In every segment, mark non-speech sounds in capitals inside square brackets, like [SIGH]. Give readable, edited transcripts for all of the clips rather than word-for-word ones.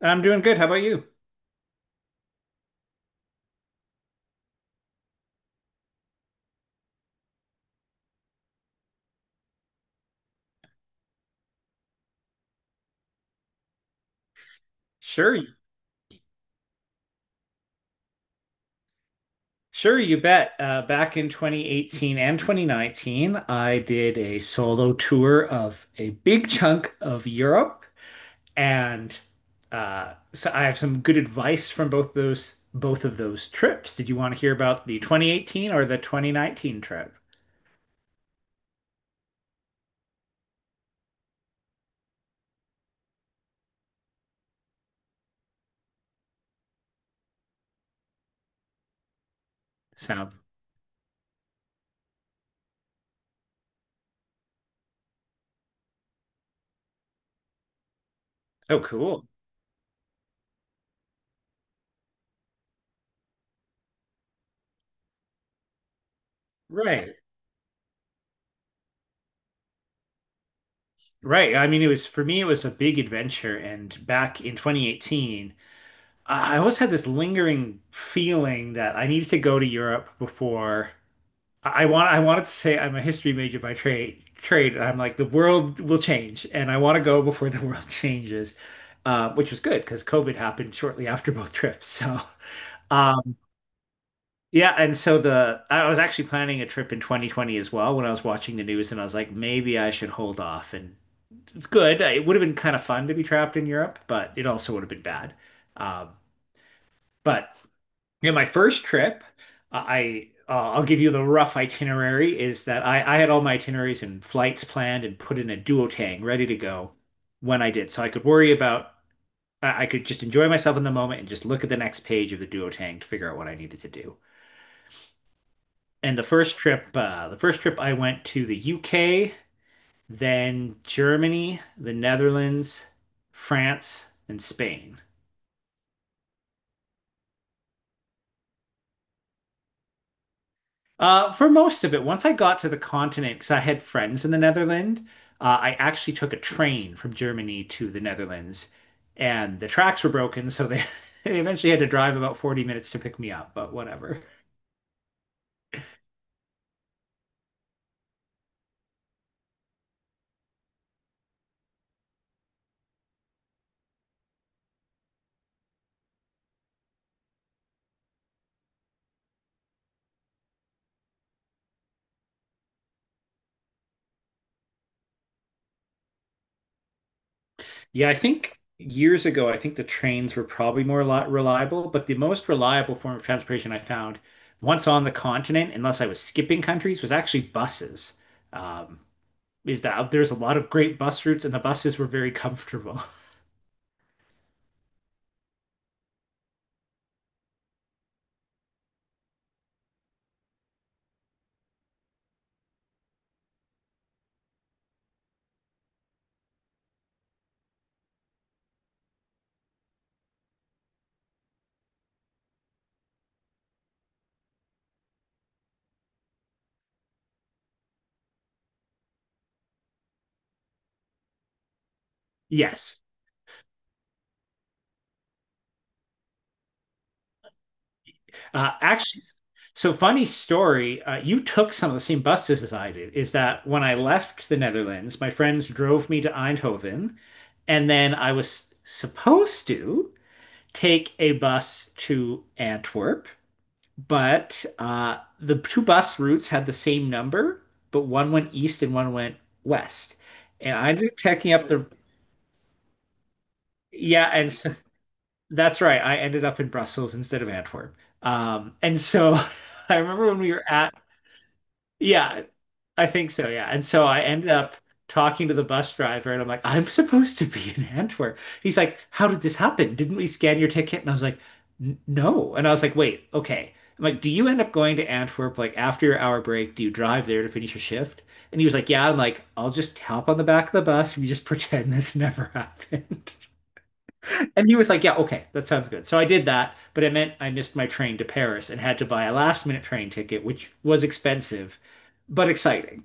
I'm doing good. How about you? Sure, you- sure, you bet. Back in 2018 and 2019, I did a solo tour of a big chunk of Europe, and so I have some good advice from both of those trips. Did you want to hear about the 2018 or the 2019 trip? Sound? Oh, cool. Right. Right. I mean, it was, for me, it was a big adventure. And back in 2018, I always had this lingering feeling that I needed to go to Europe before I wanted to say I'm a history major by trade, and I'm like, the world will change and I want to go before the world [LAUGHS] changes, which was good because COVID happened shortly after both trips. So um, yeah, and so the I was actually planning a trip in 2020 as well when I was watching the news, and I was like, maybe I should hold off. And it's good. It would have been kind of fun to be trapped in Europe, but it also would have been bad. Um, but Yeah, my first trip, I'll give you the rough itinerary, is that I had all my itineraries and flights planned and put in a duotang ready to go when I did, so I could worry about I could just enjoy myself in the moment and just look at the next page of the duotang to figure out what I needed to do. And the first trip I went to the UK, then Germany, the Netherlands, France, and Spain. For most of it, once I got to the continent, because I had friends in the Netherlands, I actually took a train from Germany to the Netherlands, and the tracks were broken, so they, [LAUGHS] they eventually had to drive about 40 minutes to pick me up, but whatever. Yeah, I think years ago, I think the trains were probably more li reliable, but the most reliable form of transportation I found, once on the continent, unless I was skipping countries, was actually buses. Um, is that There's a lot of great bus routes, and the buses were very comfortable. [LAUGHS] Yes. Uh, actually, so funny story. You took some of the same buses as I did. Is that When I left the Netherlands, my friends drove me to Eindhoven, and then I was supposed to take a bus to Antwerp, but the two bus routes had the same number, but one went east and one went west. And I ended up checking up the Yeah, and so, that's right. I ended up in Brussels instead of Antwerp. And so, [LAUGHS] I remember when we were at... Yeah, I think so, yeah. And so I ended up talking to the bus driver, and I'm like, "I'm supposed to be in Antwerp." He's like, "How did this happen? Didn't we scan your ticket?" And I was like, " No." And I was like, "Wait, okay." I'm like, "Do you end up going to Antwerp, like, after your hour break? Do you drive there to finish your shift?" And he was like, "Yeah." I'm like, "I'll just hop on the back of the bus, and we just [LAUGHS] pretend this never [LAUGHS] happened." And he was like, "Yeah, okay, that sounds good." So I did that, but it meant I missed my train to Paris and had to buy a last minute train ticket, which was expensive, but exciting.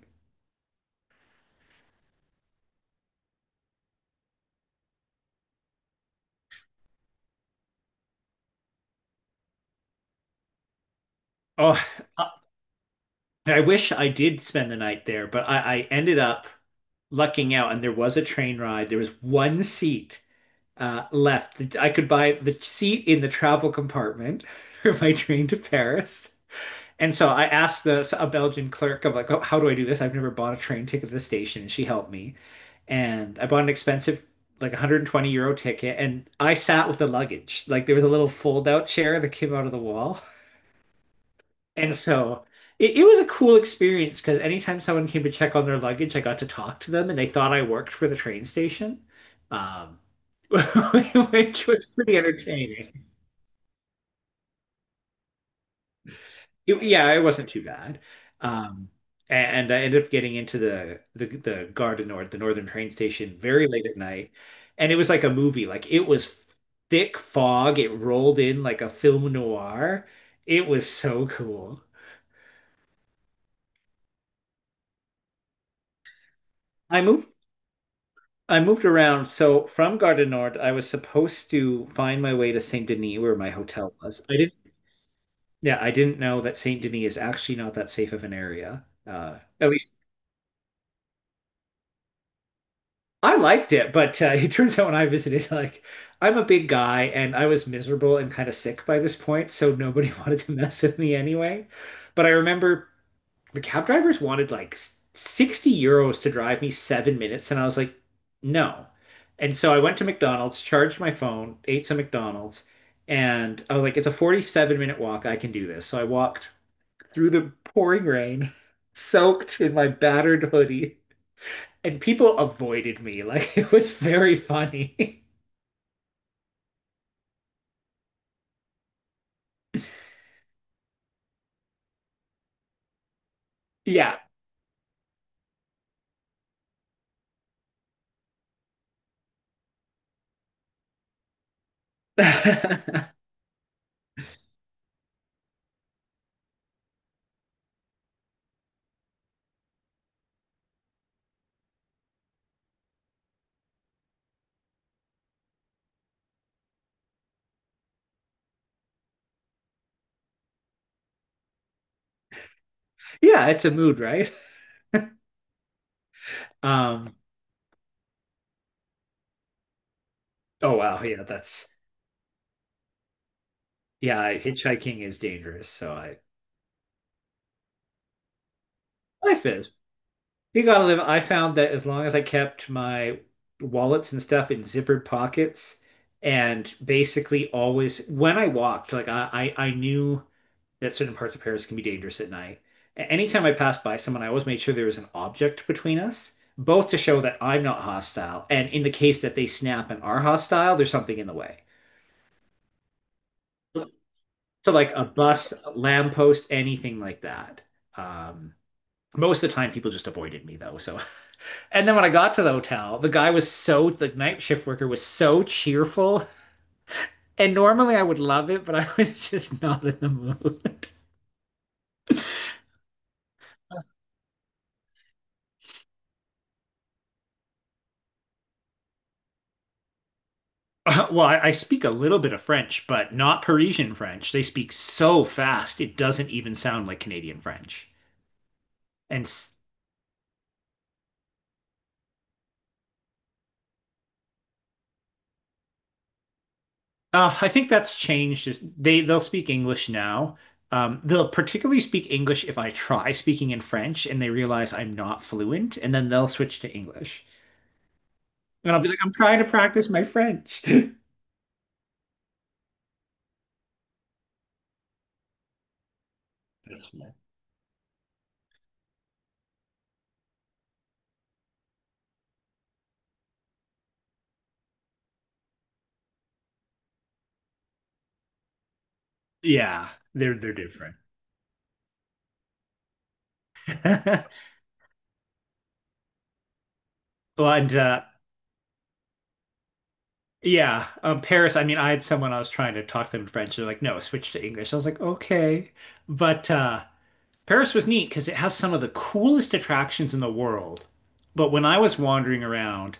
Oh, I wish I did spend the night there, but I ended up lucking out, and there was a train ride. There was one seat left. I could buy the seat in the travel compartment [LAUGHS] for my train to Paris. And so I asked the a Belgian clerk, I'm like, "Oh, how do I do this? I've never bought a train ticket at the station." And she helped me. And I bought an expensive, like, €120 ticket. And I sat with the luggage. Like, there was a little fold out chair that came out of the wall. And so it was a cool experience because anytime someone came to check on their luggage, I got to talk to them and they thought I worked for the train station, um, [LAUGHS] which was pretty entertaining. It- yeah, it wasn't too bad. Um, and I ended up getting into the Gare du Nord, the northern train station, very late at night, and it was like a movie. Like, it was thick fog. It rolled in like a film noir. It was so cool. I moved I moved around. So from Gare du Nord, I was supposed to find my way to Saint Denis, where my hotel was. I didn't. Yeah, I didn't know that Saint Denis is actually not that safe of an area. At least. I liked it, but [LAUGHS] it turns out when I visited, like, I'm a big guy and I was miserable and kind of sick by this point, so nobody [LAUGHS] wanted to mess with me anyway. But I remember the cab drivers wanted like €60 to drive me 7 minutes, and I was like, no. And so I went to McDonald's, charged my phone, ate some McDonald's, and I was like, it's a 47-minute walk. I can do this. So I walked through the pouring rain, [LAUGHS] soaked in my battered hoodie, and people avoided me. [LAUGHS] Like, it was very funny. [LAUGHS] Yeah. [LAUGHS] Yeah, it's a mood, right? Um, oh wow, yeah, that's... yeah, hitchhiking is dangerous, so I... life is. You gotta live. I found that as long as I kept my wallets and stuff in zippered pockets, and basically always when I walked, like, I knew that certain parts of Paris can be dangerous at night. Anytime I passed by someone, I always made sure there was an object between us, both to show that I'm not hostile, and in the case that they snap and are hostile, there's something in the way. So like a bus, a lamppost, anything like that. Um, Most of the time people just avoided me though, so. [LAUGHS] And then when I got to the hotel, the guy was so, the night shift worker was so cheerful. And normally I would love it, but [LAUGHS] I was just not in the mood. [LAUGHS] Well, I speak a little bit of French, but not Parisian French. They speak so fast, it doesn't even sound like Canadian French. And I think that's changed. They'll speak English now. They'll particularly speak English if I try speaking in French and they realize I'm not fluent, and then they'll switch to English. And I'll be like, I'm trying to practice my French. [LAUGHS] That's fine. Yeah, they're different. [LAUGHS] But yeah, Paris, I mean, I had someone, I was trying to talk to them in French. They're like, no, switch to English. I was like, okay. But Paris was neat because it has some of the coolest attractions in the world. But when I was wandering around,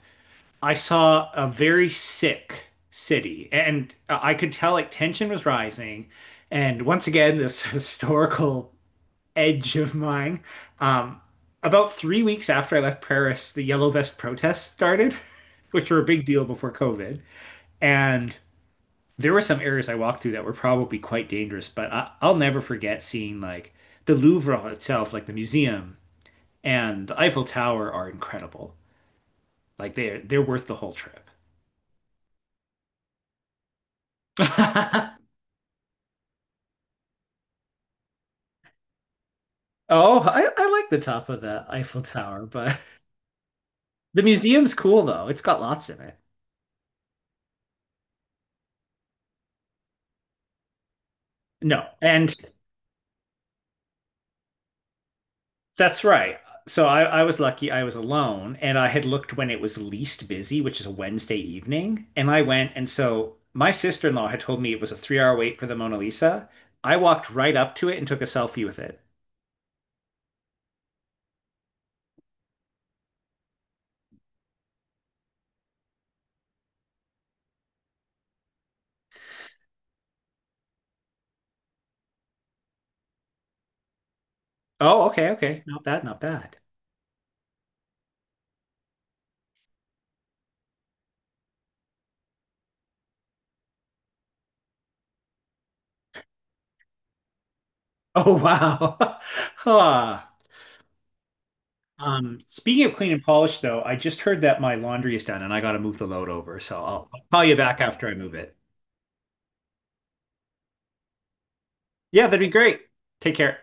I saw a very sick city, and I could tell like tension was rising. And once again, [LAUGHS] this historical edge of mine. Um, about 3 weeks after I left Paris, the Yellow Vest protests started, [LAUGHS] which were a big deal before COVID. And there were some areas I walked through that were probably quite dangerous, but I'll never forget seeing, like, the Louvre itself, like the museum and the Eiffel Tower are incredible. Like, they're worth the whole trip. [LAUGHS] Oh, I like the top of the Eiffel Tower, but [LAUGHS] the museum's cool though. It's got lots in it. No, and that's right. So, I was lucky I was alone and I had looked when it was least busy, which is a Wednesday evening. And I went, and so my sister-in-law had told me it was a three-hour wait for the Mona Lisa. I walked right up to it and took a selfie with it. Oh, okay, okay. Not bad, not bad. Oh, wow. [LAUGHS] Huh. Speaking of clean and polish, though, I just heard that my laundry is done and I got to move the load over. So I'll call you back after I move it. Yeah, that'd be great. Take care.